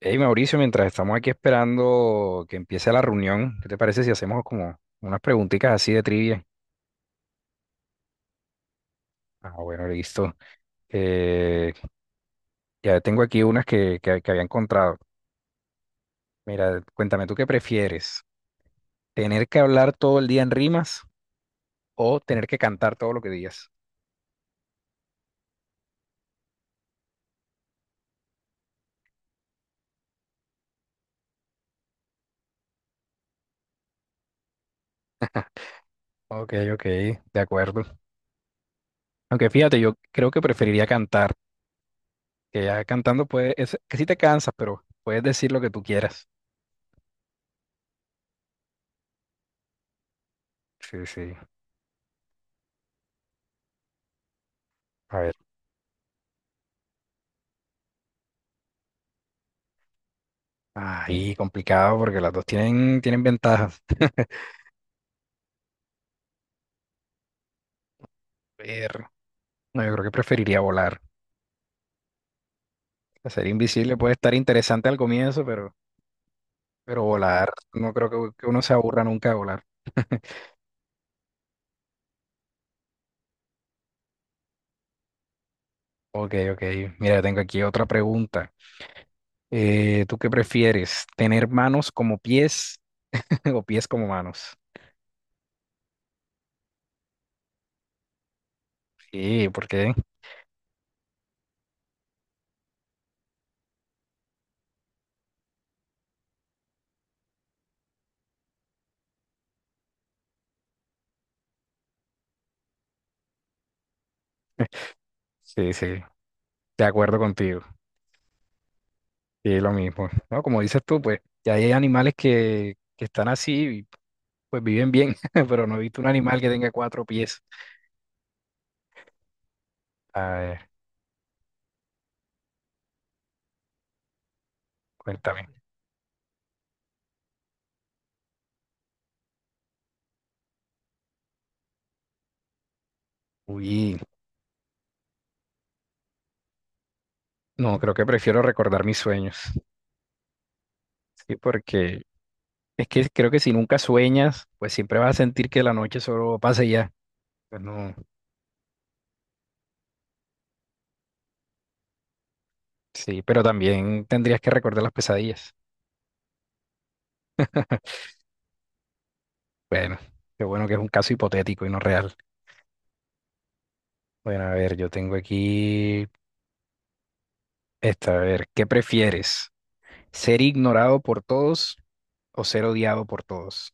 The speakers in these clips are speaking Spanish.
Hey Mauricio, mientras estamos aquí esperando que empiece la reunión, ¿qué te parece si hacemos como unas preguntitas así de trivia? Ah, bueno, listo. Eh, ya tengo aquí unas que había encontrado. Mira, cuéntame, ¿tú qué prefieres? ¿Tener que hablar todo el día en rimas o tener que cantar todo lo que digas? Ok, ok, de acuerdo. Aunque fíjate, yo creo que preferiría cantar, que ya cantando puedes, es, que sí te cansas, pero puedes decir lo que tú quieras. Sí, sí. A ver. Ahí complicado porque las dos tienen, tienen ventajas. Pero no, yo creo que preferiría volar. Ser invisible puede estar interesante al comienzo, pero volar, no creo que uno se aburra nunca de volar. Ok, ok. Mira, tengo aquí otra pregunta. ¿Tú qué prefieres? ¿Tener manos como pies o pies como manos? Sí, ¿por qué? Sí, sí, de acuerdo contigo. Sí, lo mismo. No, como dices tú, pues ya hay animales que están así. Pues viven bien, pero no he visto un animal que tenga cuatro pies. A ver, cuéntame. Uy, no, creo que prefiero recordar mis sueños. Sí, porque es que creo que si nunca sueñas, pues siempre vas a sentir que la noche solo pasa y ya. Pues no, sí, pero también tendrías que recordar las pesadillas. Bueno, qué bueno que es un caso hipotético y no real. Bueno, a ver, yo tengo aquí esta, a ver, ¿qué prefieres? ¿Ser ignorado por todos o ser odiado por todos?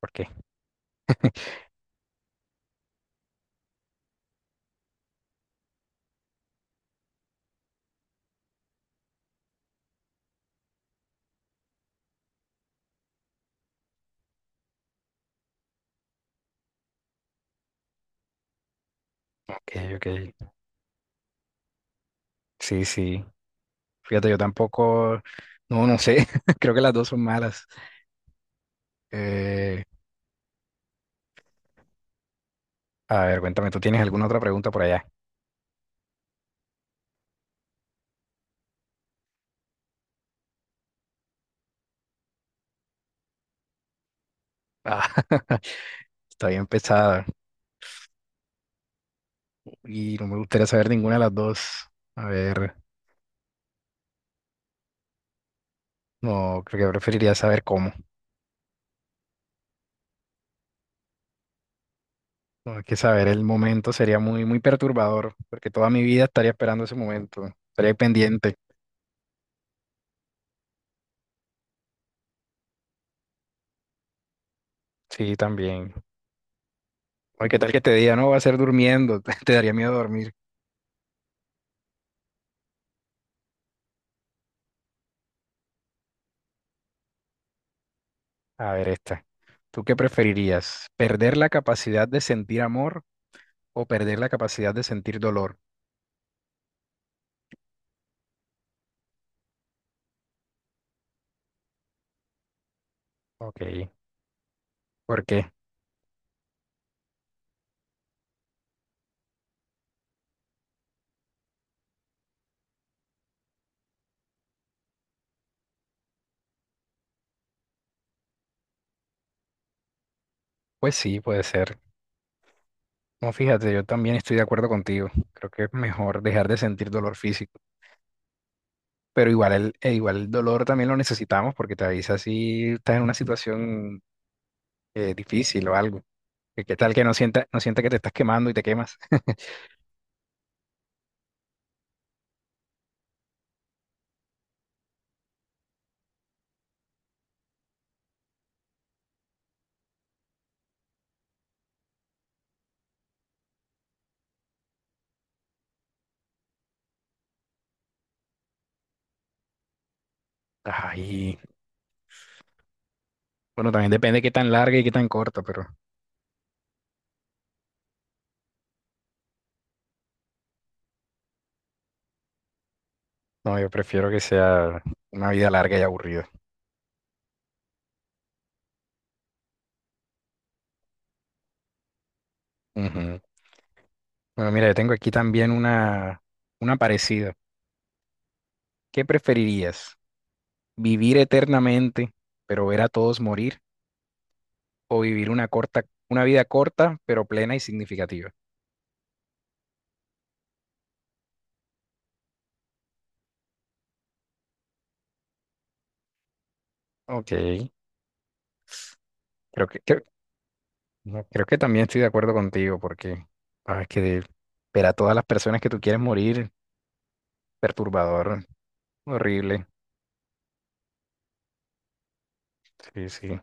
¿Por qué? Ok, ok. Sí, sí. Fíjate, yo tampoco, no, no sé. Creo que las dos son malas. Eh, a ver, cuéntame, ¿tú tienes alguna otra pregunta por allá? Ah, está bien pesada y no me gustaría saber ninguna de las dos. A ver, no, creo que preferiría saber cómo. No, es que saber el momento sería muy, muy perturbador, porque toda mi vida estaría esperando ese momento, estaría pendiente. Sí, también. Oye, ¿qué tal que te diga, no, va a ser durmiendo? Te daría miedo dormir. A ver esta. ¿Tú qué preferirías? ¿Perder la capacidad de sentir amor o perder la capacidad de sentir dolor? Ok, ¿por qué? Pues sí, puede ser. No, fíjate, yo también estoy de acuerdo contigo. Creo que es mejor dejar de sentir dolor físico, pero igual el, e igual el dolor también lo necesitamos porque te avisa si estás en una situación difícil o algo. Que ¿qué tal que no sienta que te estás quemando y te quemas? Ay, bueno, también depende de qué tan larga y qué tan corta, pero no, yo prefiero que sea una vida larga y aburrida. Ujú. Bueno, mira, yo tengo aquí también una parecida. ¿Qué preferirías? ¿Vivir eternamente, pero ver a todos morir? ¿O vivir una vida corta, pero plena y significativa? Ok, creo que, creo, no, creo que también estoy de acuerdo contigo, porque ah, es que ver a todas las personas que tú quieres morir, perturbador, horrible. Sí, sí.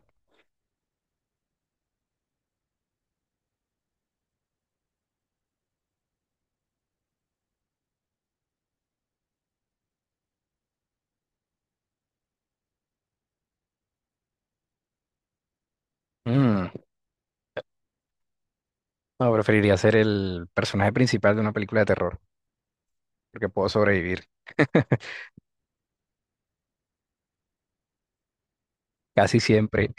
Mm, no, preferiría ser el personaje principal de una película de terror, porque puedo sobrevivir. Casi siempre.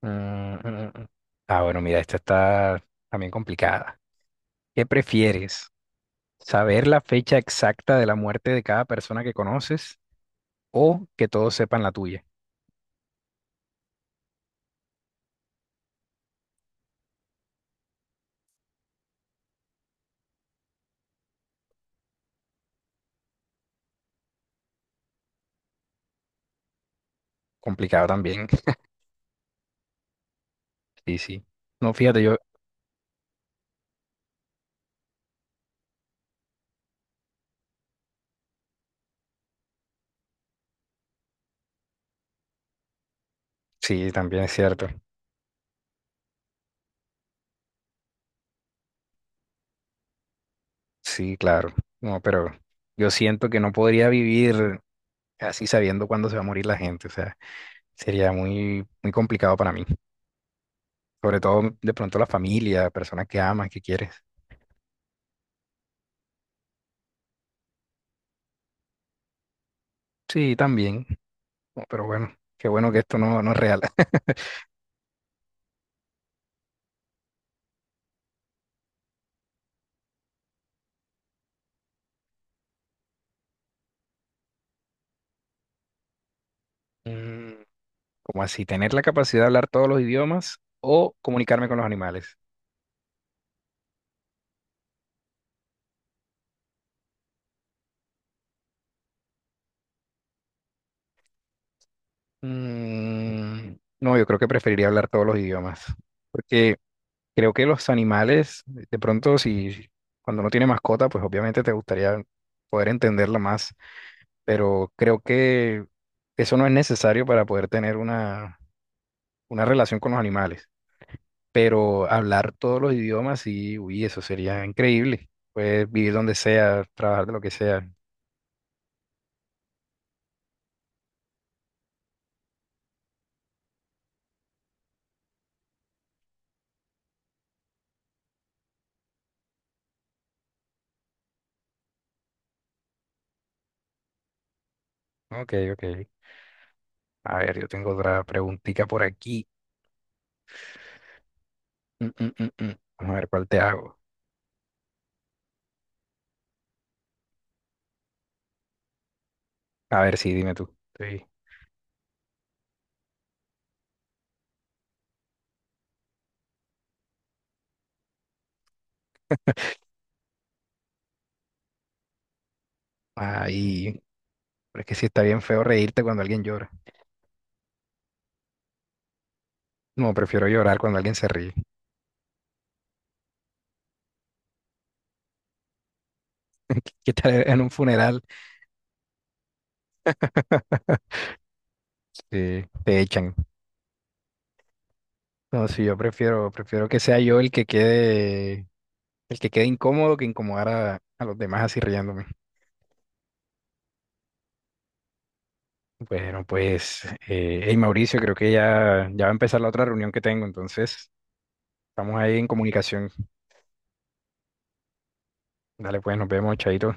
Mm, mm, mm. Ah, bueno, mira, esta está también complicada. ¿Qué prefieres? ¿Saber la fecha exacta de la muerte de cada persona que conoces o que todos sepan la tuya? Complicado también. Sí, sí. No, fíjate, yo, sí, también es cierto. Sí, claro. No, pero yo siento que no podría vivir así sabiendo cuándo se va a morir la gente. O sea, sería muy, muy complicado para mí. Sobre todo de pronto la familia, personas que amas, que quieres. Sí, también. No, pero bueno, qué bueno que esto no, no es real. Mm, como así, tener la capacidad de hablar todos los idiomas o comunicarme con los animales. Mm, no, yo creo que preferiría hablar todos los idiomas, porque creo que los animales, de pronto, si cuando no tiene mascota, pues obviamente te gustaría poder entenderla más, pero creo que eso no es necesario para poder tener una relación con los animales. Pero hablar todos los idiomas, sí, uy, eso sería increíble. Puedes vivir donde sea, trabajar de lo que sea. Ok, ok. A ver, yo tengo otra preguntita por aquí. Mm, mm, mm, mm. Vamos a ver cuál te hago. A ver, sí, dime tú. Sí. Ay, pero es que sí está bien feo reírte cuando alguien llora. No, prefiero llorar cuando alguien se ríe. ¿Qué tal en un funeral? Sí, te echan. No, sí, prefiero que sea yo el que quede incómodo que incomodar a los demás así riéndome. Bueno, pues, hey Mauricio, creo que ya va a empezar la otra reunión que tengo, entonces estamos ahí en comunicación. Dale, pues, nos vemos, chaito.